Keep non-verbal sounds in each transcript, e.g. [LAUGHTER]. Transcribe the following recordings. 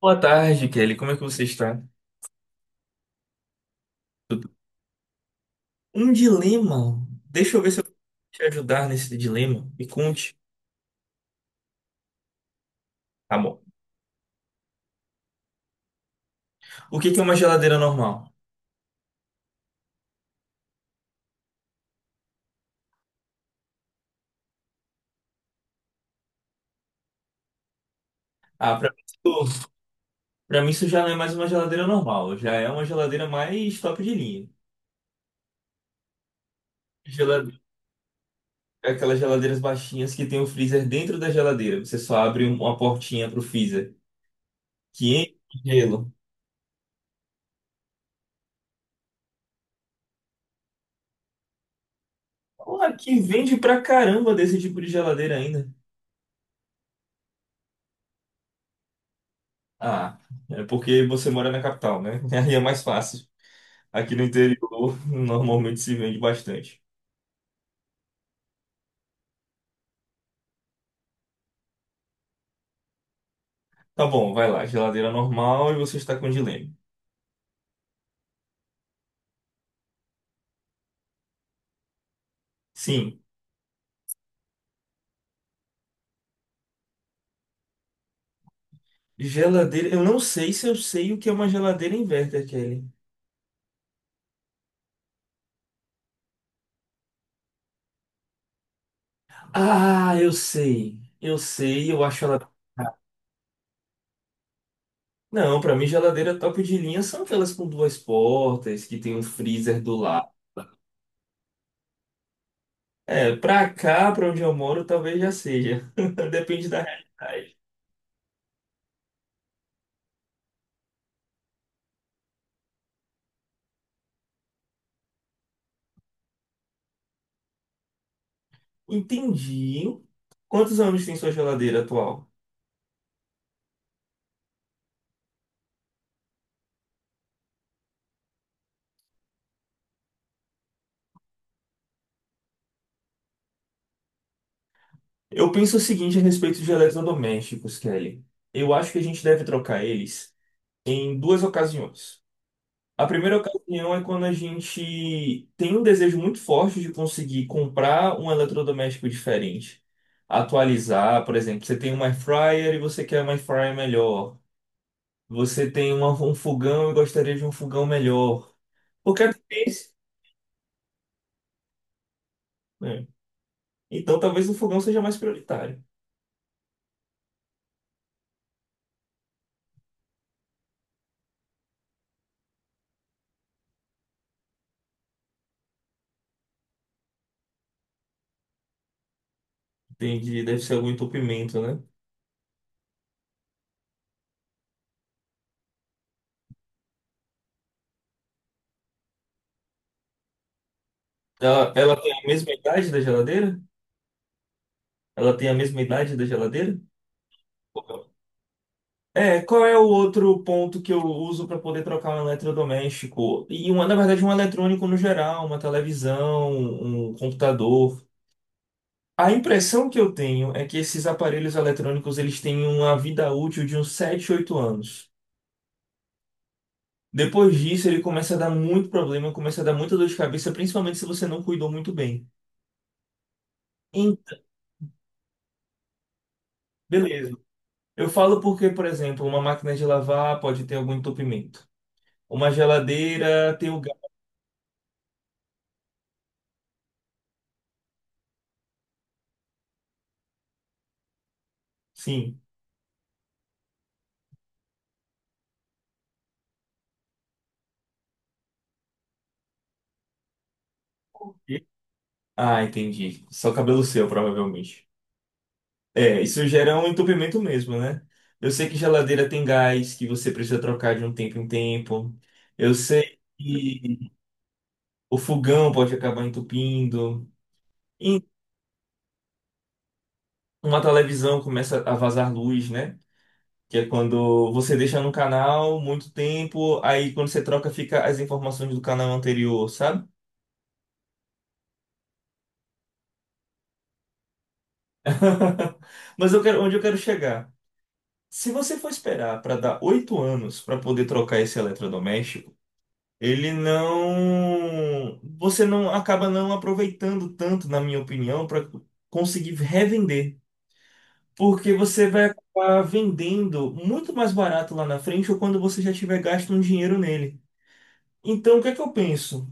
Boa tarde, Kelly. Como é que você está? Tudo- Um dilema. Deixa eu ver se eu posso te ajudar nesse dilema. Me conte. Tá bom. O que que é uma geladeira normal? Ah, pra mim isso já não é mais uma geladeira normal. Já é uma geladeira mais top de linha. Gela- Aquelas geladeiras baixinhas que tem o freezer dentro da geladeira. Você só abre uma portinha pro freezer. Que enche de gelo. Olha, que vende pra caramba desse tipo de geladeira ainda. Ah, é porque você mora na capital, né? [LAUGHS] Aí é mais fácil. Aqui no interior [LAUGHS] normalmente se vende bastante. Tá bom, vai lá. Geladeira normal e você está com dilema. Sim. Geladeira. Eu não sei se eu sei o que é uma geladeira inverter, Kelly. Ah, eu sei. Eu sei, eu acho ela. Não, pra mim geladeira top de linha são aquelas com duas portas, que tem um freezer do lado. É, pra cá, pra onde eu moro, talvez já seja. [LAUGHS] Depende da realidade. Entendi. Quantos anos tem sua geladeira atual? Eu penso o seguinte a respeito de eletrodomésticos, Kelly. Eu acho que a gente deve trocar eles em duas ocasiões. A primeira ocasião é quando a gente tem um desejo muito forte de conseguir comprar um eletrodoméstico diferente, atualizar, por exemplo, você tem um air fryer e você quer um air fryer melhor. Um fogão e gostaria de um fogão melhor. Porque é difícil, né? Então talvez o fogão seja mais prioritário. Entendi, deve ser algum entupimento, né? Ela tem a mesma idade da geladeira? Ela tem a mesma idade da geladeira? É, qual é o outro ponto que eu uso para poder trocar um eletrodoméstico? E uma, na verdade, um eletrônico no geral, uma televisão, um computador. A impressão que eu tenho é que esses aparelhos eletrônicos eles têm uma vida útil de uns 7 8 anos. Depois disso, ele começa a dar muito problema, começa a dar muita dor de cabeça, principalmente se você não cuidou muito bem. Então, beleza. Eu falo porque, por exemplo, uma máquina de lavar pode ter algum entupimento. Uma geladeira tem o sim. E- Ah, entendi. Só cabelo seu, provavelmente. É, isso gera um entupimento mesmo, né? Eu sei que geladeira tem gás, que você precisa trocar de um tempo em tempo. Eu sei que o fogão pode acabar entupindo. E uma televisão começa a vazar luz, né? Que é quando você deixa num canal muito tempo, aí quando você troca fica as informações do canal anterior, sabe? [LAUGHS] Mas eu quero, onde eu quero chegar? Se você for esperar para dar 8 anos para poder trocar esse eletrodoméstico, ele não. Você não acaba não aproveitando tanto, na minha opinião, para conseguir revender. Porque você vai acabar vendendo muito mais barato lá na frente ou quando você já tiver gasto um dinheiro nele. Então, o que é que eu penso?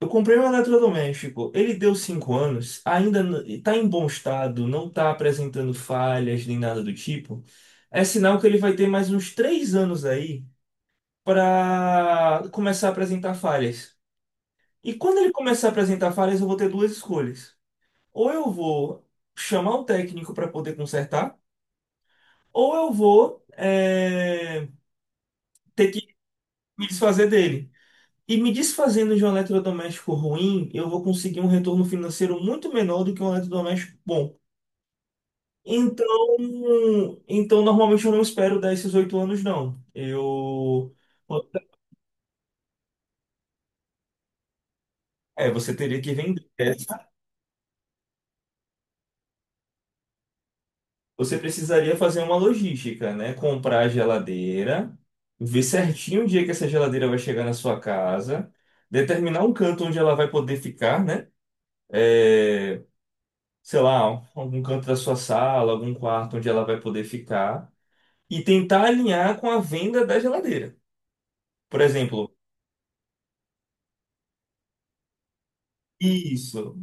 Eu comprei um eletrodoméstico, ele deu 5 anos, ainda está em bom estado, não está apresentando falhas nem nada do tipo. É sinal que ele vai ter mais uns 3 anos aí para começar a apresentar falhas. E quando ele começar a apresentar falhas, eu vou ter duas escolhas. Ou eu vou chamar o técnico para poder consertar, ou eu vou ter que me desfazer dele. E me desfazendo de um eletrodoméstico ruim, eu vou conseguir um retorno financeiro muito menor do que um eletrodoméstico bom. Então, normalmente eu não espero dar esses 8 anos, não. Eu. É, você teria que vender essa. Você precisaria fazer uma logística, né? Comprar a geladeira, ver certinho o dia que essa geladeira vai chegar na sua casa, determinar um canto onde ela vai poder ficar, né? É, sei lá, algum canto da sua sala, algum quarto onde ela vai poder ficar. E tentar alinhar com a venda da geladeira. Por exemplo, isso,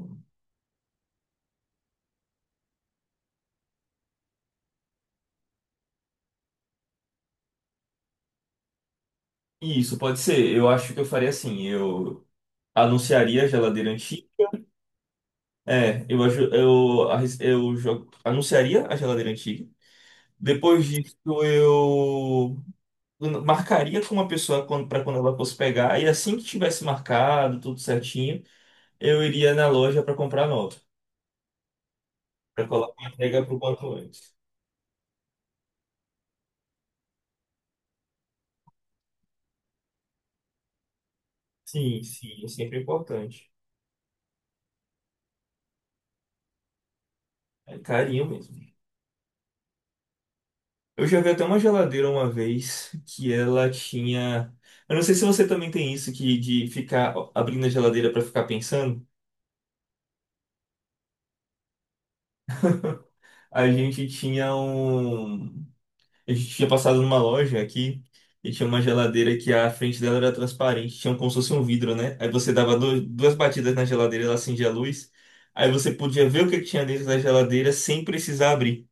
isso pode ser. Eu acho que eu faria assim, eu anunciaria a geladeira antiga. É, eu aju- eu arris- eu jogo- anunciaria a geladeira antiga. Depois disso, eu marcaria com uma pessoa para quando ela fosse pegar e assim que tivesse marcado tudo certinho, eu iria na loja para comprar nova, para colocar a entrega para o quanto antes. Sim, sim, é sempre importante. É carinho mesmo. Eu já vi até uma geladeira uma vez que ela tinha. Eu não sei se você também tem isso que de ficar abrindo a geladeira para ficar pensando. A gente tinha um. A gente tinha passado numa loja aqui e tinha uma geladeira que a frente dela era transparente, tinha como se fosse um vidro, né? Aí você dava duas batidas na geladeira, ela acendia a luz. Aí você podia ver o que que tinha dentro da geladeira sem precisar abrir.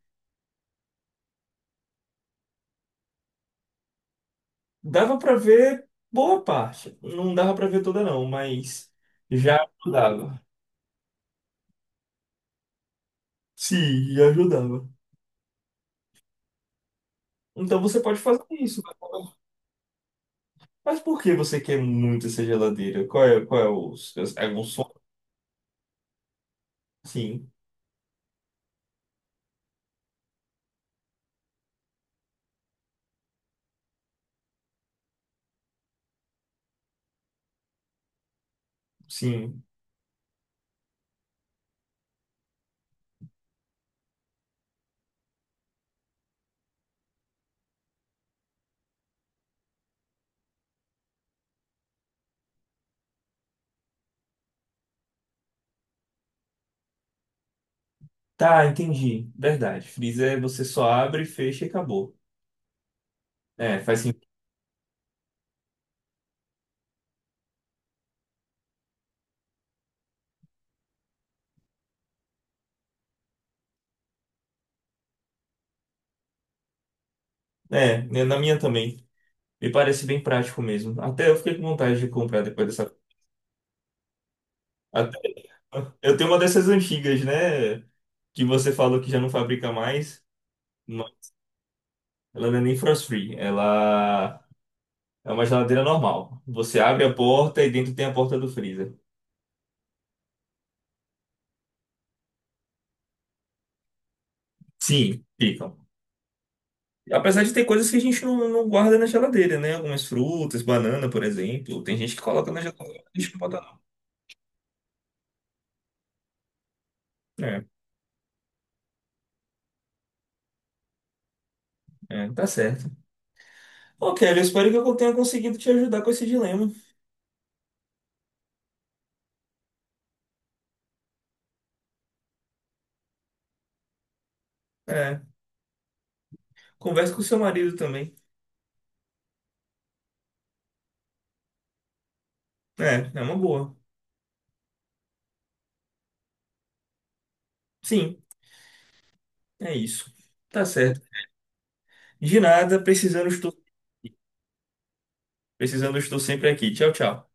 Dava para ver boa parte. Não dava para ver toda, não, mas já dava. Sim, e ajudava. Então você pode fazer isso. Mas por que você quer muito essa geladeira? Qual é os, algum sonho? Sim, sim. Tá, entendi. Verdade. Freezer é você só abre, fecha e acabou. É, faz sentido. É, né, na minha também. Me parece bem prático mesmo. Até eu fiquei com vontade de comprar depois dessa. Até... Eu tenho uma dessas antigas, né? Que você falou que já não fabrica mais. Não, ela não é nem frost-free. Ela é uma geladeira normal. Você abre a porta e dentro tem a porta do freezer. Sim, ficam. Apesar de ter coisas que a gente não guarda na geladeira, né? Algumas frutas, banana, por exemplo. Tem gente que coloca na geladeira, a gente não bota não. É, é, tá certo. Ok, eu espero que eu tenha conseguido te ajudar com esse dilema. É, converse com seu marido também. É, é uma boa. Sim, é isso. Tá certo. De nada, precisando estou sempre aqui. Tchau, tchau.